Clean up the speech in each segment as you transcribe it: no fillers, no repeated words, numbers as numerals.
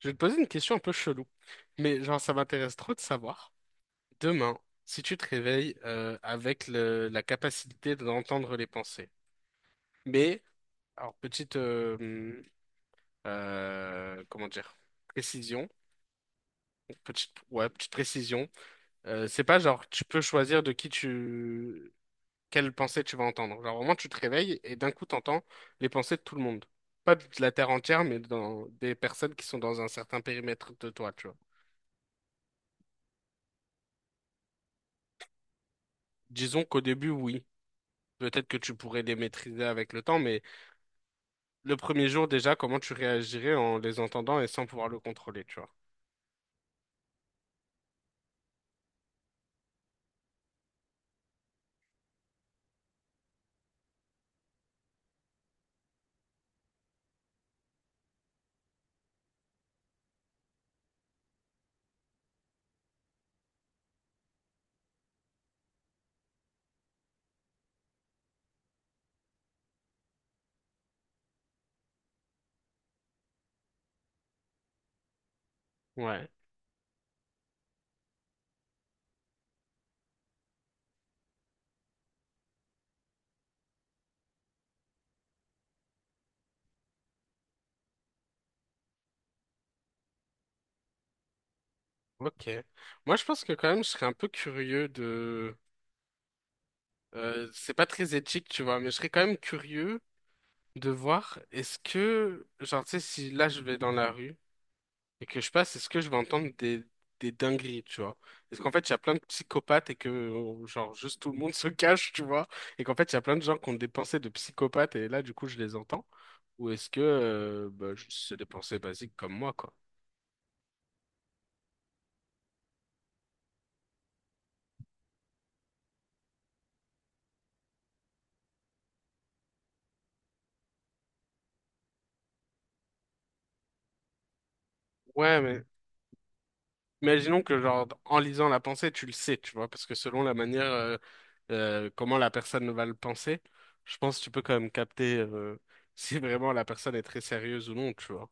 Je vais te poser une question un peu chelou, mais genre ça m'intéresse trop de savoir. Demain, si tu te réveilles avec la capacité d'entendre les pensées, mais alors petite comment dire précision, petite petite précision, c'est pas genre tu peux choisir de qui tu quelle pensée tu vas entendre. Genre vraiment tu te réveilles et d'un coup t'entends les pensées de tout le monde, pas de la terre entière, mais dans des personnes qui sont dans un certain périmètre de toi, tu vois. Disons qu'au début oui. Peut-être que tu pourrais les maîtriser avec le temps, mais le premier jour déjà, comment tu réagirais en les entendant et sans pouvoir le contrôler, tu vois? Ouais, ok. Moi, je pense que quand même, je serais un peu curieux de... c'est pas très éthique, tu vois, mais je serais quand même curieux de voir est-ce que, genre, tu sais, si là, je vais dans la rue et que je passe, est-ce que je vais entendre des dingueries, tu vois? Est-ce qu'en fait, il y a plein de psychopathes et que, genre, juste tout le monde se cache, tu vois? Et qu'en fait, il y a plein de gens qui ont des pensées de psychopathes et là, du coup, je les entends? Ou est-ce que, bah, juste c'est des pensées basiques comme moi, quoi? Ouais, mais imaginons que, genre, en lisant la pensée, tu le sais, tu vois? Parce que selon la manière, comment la personne va le penser, je pense que tu peux quand même capter, si vraiment la personne est très sérieuse ou non, tu vois?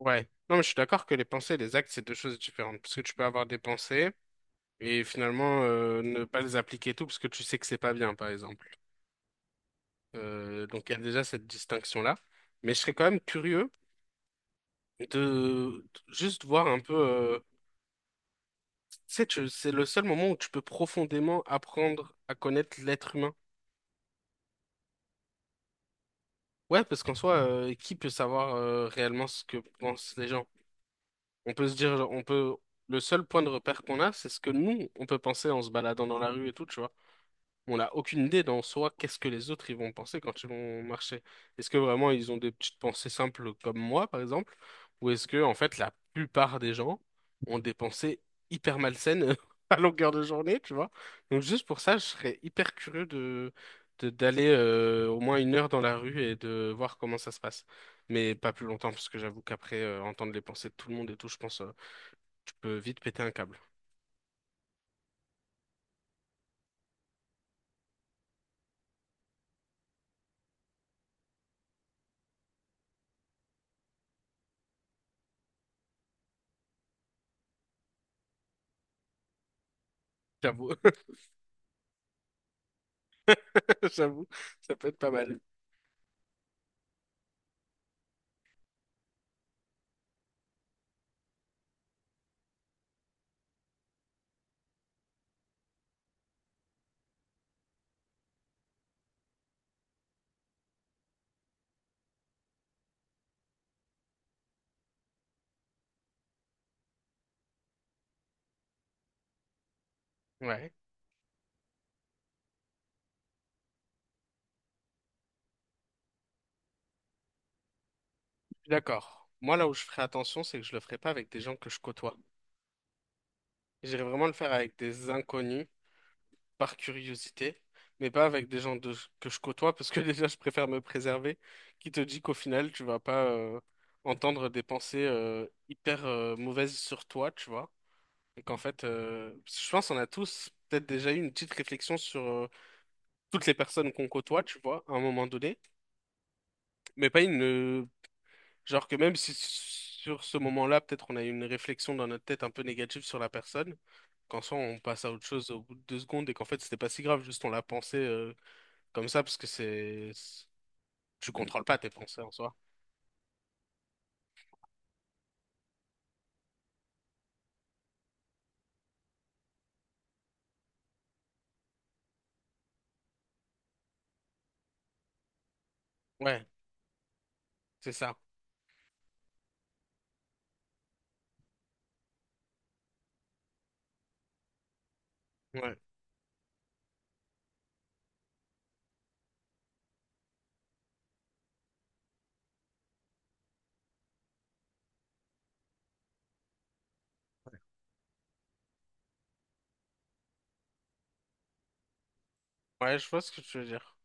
Ouais. Non, mais je suis d'accord que les pensées et les actes, c'est deux choses différentes. Parce que tu peux avoir des pensées et finalement ne pas les appliquer et tout parce que tu sais que c'est pas bien, par exemple. Donc il y a déjà cette distinction-là. Mais je serais quand même curieux de juste voir un peu. Tu sais, c'est le seul moment où tu peux profondément apprendre à connaître l'être humain. Ouais, parce qu'en soi, qui peut savoir réellement ce que pensent les gens? On peut se dire, on peut. Le seul point de repère qu'on a, c'est ce que nous, on peut penser en se baladant dans la rue et tout, tu vois. On n'a aucune idée dans soi qu'est-ce que les autres ils vont penser quand ils vont marcher. Est-ce que vraiment ils ont des petites pensées simples comme moi, par exemple, ou est-ce que en fait la plupart des gens ont des pensées hyper malsaines à longueur de journée, tu vois? Donc juste pour ça, je serais hyper curieux de, d'aller au moins une heure dans la rue et de voir comment ça se passe. Mais pas plus longtemps, parce que j'avoue qu'après entendre les pensées de tout le monde et tout, je pense tu peux vite péter un câble. J'avoue, j'avoue, ça peut être pas mal. Ouais. Je suis d'accord. Moi, là où je ferai attention, c'est que je le ferai pas avec des gens que je côtoie. J'irai vraiment le faire avec des inconnus, par curiosité, mais pas avec des gens que je côtoie, parce que déjà, je préfère me préserver, qui te dit qu'au final, tu vas pas entendre des pensées hyper mauvaises sur toi, tu vois. Et qu'en fait, parce que je pense qu'on a tous peut-être déjà eu une petite réflexion sur toutes les personnes qu'on côtoie, tu vois, à un moment donné, mais pas une. Genre que même si sur ce moment-là, peut-être on a eu une réflexion dans notre tête un peu négative sur la personne, qu'en soi on passe à autre chose au bout de deux secondes et qu'en fait c'était pas si grave, juste on l'a pensé comme ça parce que c'est... Tu contrôles pas tes pensées en soi. Ouais, c'est ça. Ouais. Ouais, je vois ce que tu veux dire.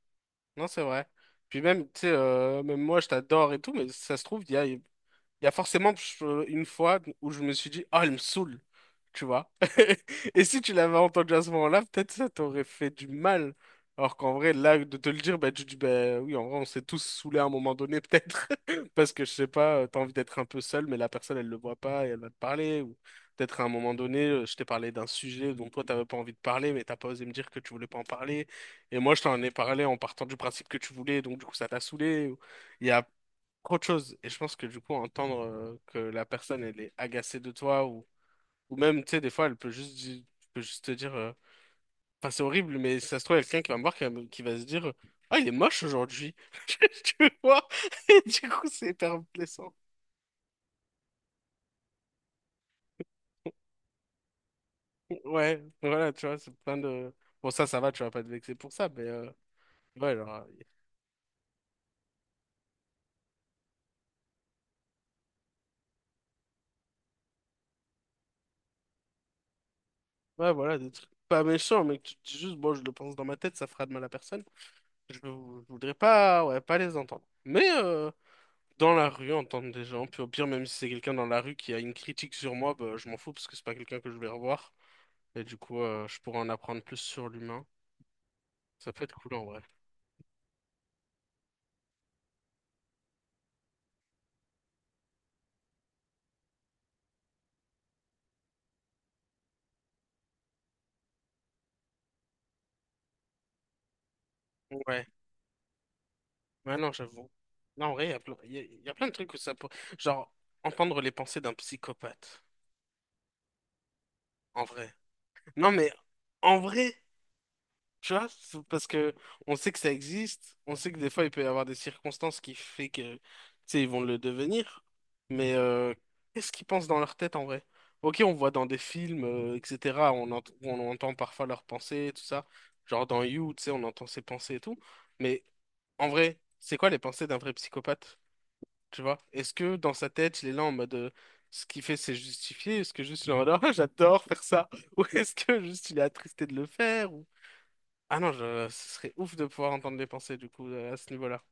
Non, c'est vrai. Puis même, tu sais, même moi je t'adore et tout, mais ça se trouve, il y a forcément une fois où je me suis dit, oh, elle me saoule, tu vois. Et si tu l'avais entendu à ce moment-là, peut-être ça t'aurait fait du mal. Alors qu'en vrai, là, de te le dire, bah, tu dis, bah oui, en vrai, on s'est tous saoulés à un moment donné, peut-être. Parce que je sais pas, t'as envie d'être un peu seul, mais la personne, elle le voit pas et elle va te parler. Ou peut-être à un moment donné, je t'ai parlé d'un sujet dont toi, t'avais pas envie de parler, mais t'as pas osé me dire que tu voulais pas en parler. Et moi, je t'en ai parlé en partant du principe que tu voulais, donc du coup, ça t'a saoulé. Il y a autre chose. Et je pense que du coup, entendre que la personne, elle est agacée de toi, ou même, tu sais, des fois, elle peut peut juste te dire, enfin, c'est horrible, mais si ça se trouve, il y a quelqu'un qui va me voir, qui va se dire, ah, il est moche aujourd'hui. Tu vois? Et du coup, c'est hyper blessant. Ouais, voilà, tu vois, c'est plein de. Bon, ça va, tu vas pas te vexer pour ça, ouais, genre, ouais, voilà, des trucs pas méchants, mais que tu te dis juste, bon, je le pense dans ma tête, ça fera de mal à personne. Je voudrais pas, ouais, pas les entendre. Mais, dans la rue, entendre des gens. Puis au pire, même si c'est quelqu'un dans la rue qui a une critique sur moi, bah, je m'en fous parce que c'est pas quelqu'un que je vais revoir. Et du coup, je pourrais en apprendre plus sur l'humain. Ça peut être cool en vrai. Ouais, ouais, non, j'avoue. Non, en vrai, il y a plein de trucs où ça peut... Genre, entendre les pensées d'un psychopathe, en vrai. Non, mais en vrai. Tu vois, c'est parce que on sait que ça existe, on sait que des fois il peut y avoir des circonstances qui fait que, tu sais, ils vont le devenir, mais euh, qu'est-ce qu'ils pensent dans leur tête en vrai? Ok, on voit dans des films, etc., on entend parfois leurs pensées, et tout ça, genre dans You, tu sais, on entend ses pensées et tout, mais en vrai, c'est quoi les pensées d'un vrai psychopathe? Tu vois? Est-ce que dans sa tête, il est là en mode ce qu'il fait c'est justifié, est-ce que juste il est en mode ah, j'adore faire ça, ou est-ce que juste il est attristé de le faire, ah non, je... ce serait ouf de pouvoir entendre les pensées du coup à ce niveau-là.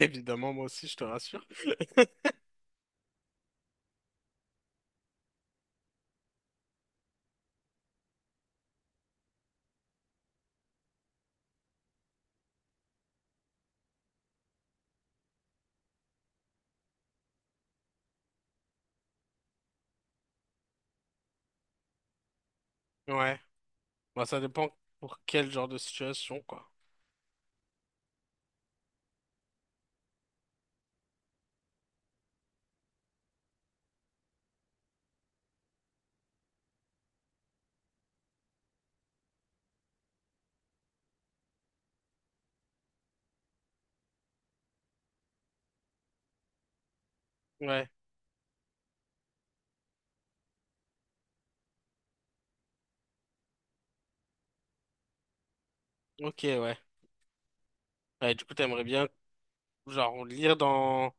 Évidemment, moi aussi, je te rassure. Ouais, bah ça dépend pour quel genre de situation, quoi. Ouais, ok, ouais. Ouais, du coup, t'aimerais bien, genre, lire dans...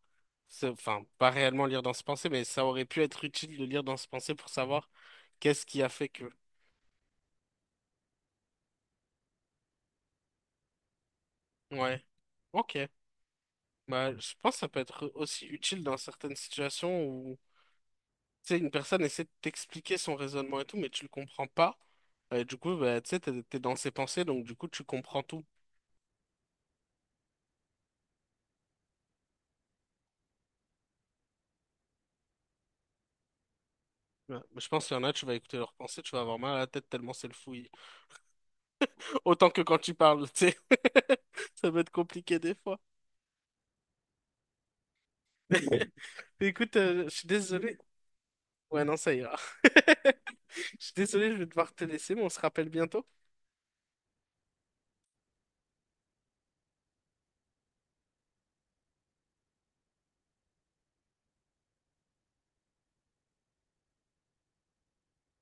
enfin, pas réellement lire dans ce pensée, mais ça aurait pu être utile de lire dans ce pensée pour savoir qu'est-ce qui a fait que... Ouais, ok. Bah, je pense que ça peut être aussi utile dans certaines situations. Tu sais, une personne essaie de t'expliquer son raisonnement et tout, mais tu le comprends pas. Et du coup, bah, tu sais, t'es dans ses pensées, donc du coup, tu comprends tout. Ouais. Mais je pense qu'il y en a, tu vas écouter leurs pensées, tu vas avoir mal à la tête tellement c'est le fouillis. Autant que quand tu parles, tu sais. Ça peut être compliqué des fois. Écoute, je suis désolé. Ouais, non, ça ira. Je suis désolé, je vais devoir te laisser, mais on se rappelle bientôt.